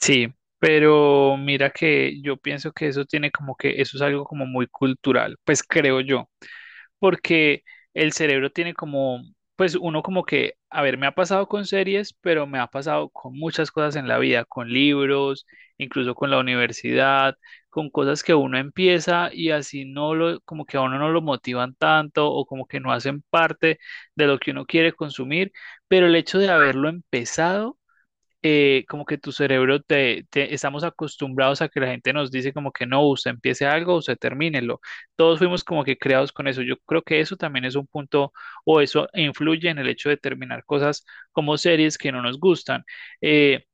Sí, pero mira que yo pienso que eso tiene como que eso es algo como muy cultural, pues creo yo, porque el cerebro tiene como, pues uno como que, a ver, me ha pasado con series, pero me ha pasado con muchas cosas en la vida, con libros, incluso con la universidad, con cosas que uno empieza y así no lo, como que a uno no lo motivan tanto o como que no hacen parte de lo que uno quiere consumir, pero el hecho de haberlo empezado como que tu cerebro estamos acostumbrados a que la gente nos dice como que no, usted empiece algo, usted termínelo. Todos fuimos como que creados con eso. Yo creo que eso también es un punto o eso influye en el hecho de terminar cosas como series que no nos gustan. Eh,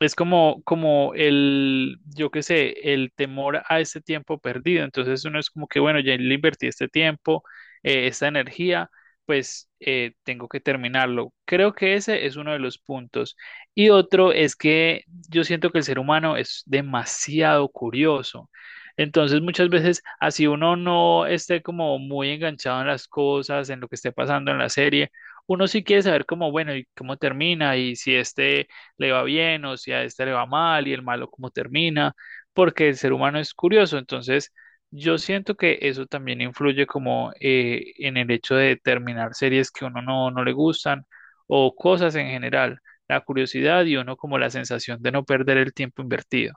es como, como el, yo qué sé, el temor a este tiempo perdido. Entonces uno es como que, bueno, ya le invertí este tiempo, esta energía, pues tengo que terminarlo. Creo que ese es uno de los puntos. Y otro es que yo siento que el ser humano es demasiado curioso. Entonces muchas veces, así uno no esté como muy enganchado en las cosas, en lo que esté pasando en la serie, uno sí quiere saber cómo, bueno, y cómo termina y si este le va bien o si a este le va mal y el malo cómo termina, porque el ser humano es curioso. Entonces, yo siento que eso también influye como en el hecho de terminar series que uno no le gustan o cosas en general, la curiosidad y uno como la sensación de no perder el tiempo invertido.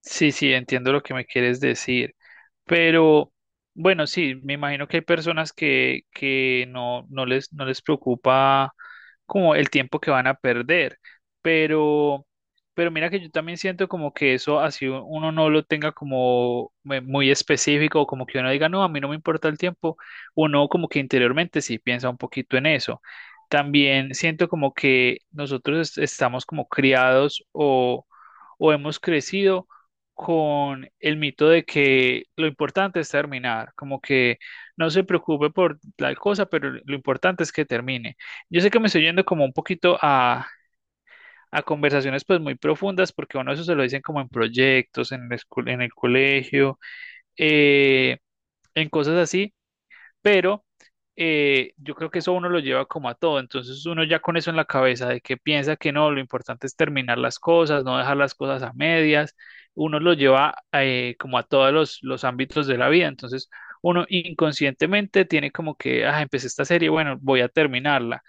Sí, sí, entiendo lo que me quieres decir, pero bueno, sí, me imagino que hay personas que no, no les preocupa como el tiempo que van a perder, pero, pero mira que yo también siento como que eso así uno no lo tenga como muy específico, o como que uno diga, no, a mí no me importa el tiempo, uno como que interiormente sí piensa un poquito en eso. También siento como que nosotros estamos como criados o hemos crecido con el mito de que lo importante es terminar, como que no se preocupe por tal cosa, pero lo importante es que termine. Yo sé que me estoy yendo como un poquito a conversaciones pues muy profundas, porque uno eso se lo dicen como en proyectos, en la en el colegio, eh, en cosas así pero yo creo que eso uno lo lleva como a todo, entonces uno ya con eso en la cabeza de que piensa que no, lo importante es terminar las cosas, no dejar las cosas a medias, uno lo lleva como a todos los ámbitos de la vida, entonces uno inconscientemente tiene como que, ah, empecé esta serie, bueno, voy a terminarla.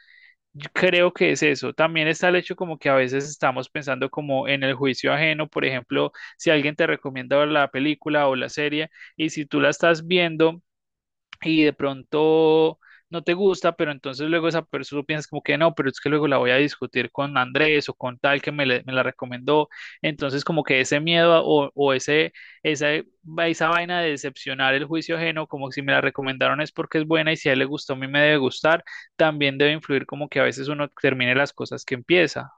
Yo creo que es eso. También está el hecho como que a veces estamos pensando como en el juicio ajeno, por ejemplo, si alguien te recomienda la película o la serie y si tú la estás viendo y de pronto no te gusta, pero entonces luego esa persona piensas como que no, pero es que luego la voy a discutir con Andrés o con tal que me la recomendó. Entonces como que ese miedo o ese, esa, esa vaina de decepcionar el juicio ajeno, como si me la recomendaron es porque es buena y si a él le gustó, a mí me debe gustar, también debe influir como que a veces uno termine las cosas que empieza.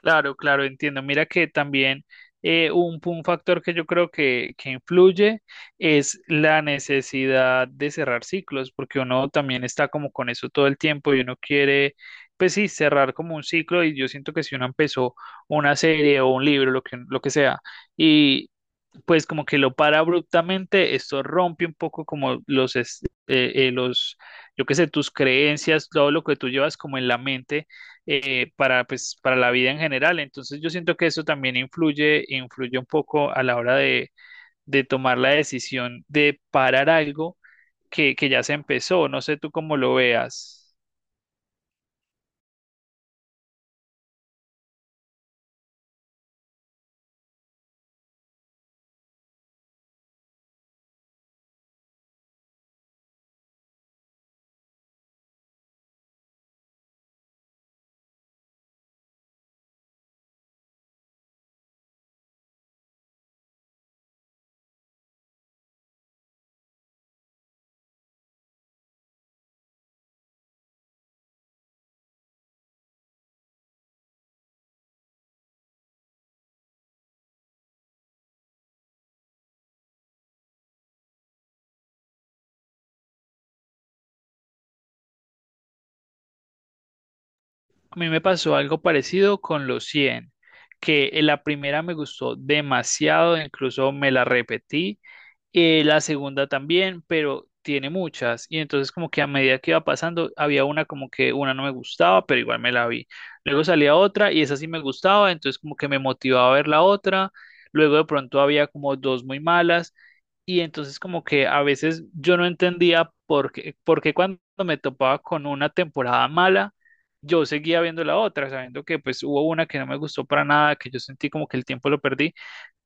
Claro, claro, entiendo. Mira que también un factor que yo creo que influye es la necesidad de cerrar ciclos, porque uno también está como con eso todo el tiempo y uno quiere, pues sí, cerrar como un ciclo y yo siento que si uno empezó una serie o un libro, lo que sea, pues como que lo para abruptamente, esto rompe un poco como los, los, yo qué sé, tus creencias, todo lo que tú llevas como en la mente para, pues, para la vida en general. Entonces yo siento que eso también influye un poco a la hora de tomar la decisión de parar algo que ya se empezó. No sé tú cómo lo veas. A mí me pasó algo parecido con los 100 que en la primera me gustó demasiado, incluso me la repetí la segunda también, pero tiene muchas. Y entonces como que a medida que iba pasando, había una como que una no me gustaba, pero igual me la vi. Luego salía otra y esa sí me gustaba, entonces como que me motivaba a ver la otra. Luego de pronto había como dos muy malas y entonces como que a veces yo no entendía por qué cuando me topaba con una temporada mala, yo seguía viendo la otra, sabiendo que pues hubo una que no me gustó para nada, que yo sentí como que el tiempo lo perdí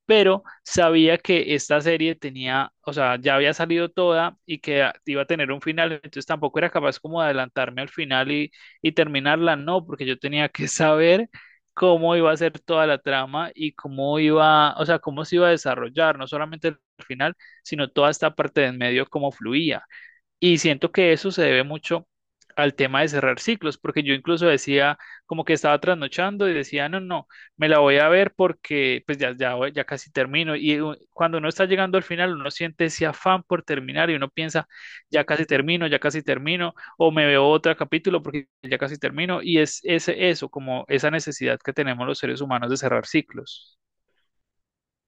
pero sabía que esta serie tenía, o sea, ya había salido toda y que iba a tener un final, entonces tampoco era capaz como de adelantarme al final y terminarla, no, porque yo tenía que saber cómo iba a ser toda la trama y cómo iba, o sea, cómo se iba a desarrollar, no solamente el final, sino toda esta parte de en medio, cómo fluía. Y siento que eso se debe mucho al tema de cerrar ciclos, porque yo incluso decía como que estaba trasnochando y decía, no, no, me la voy a ver porque pues ya, ya casi termino. Y cuando uno está llegando al final, uno siente ese afán por terminar y uno piensa, ya casi termino, o me veo otro capítulo porque ya casi termino. Y es eso, como esa necesidad que tenemos los seres humanos de cerrar ciclos.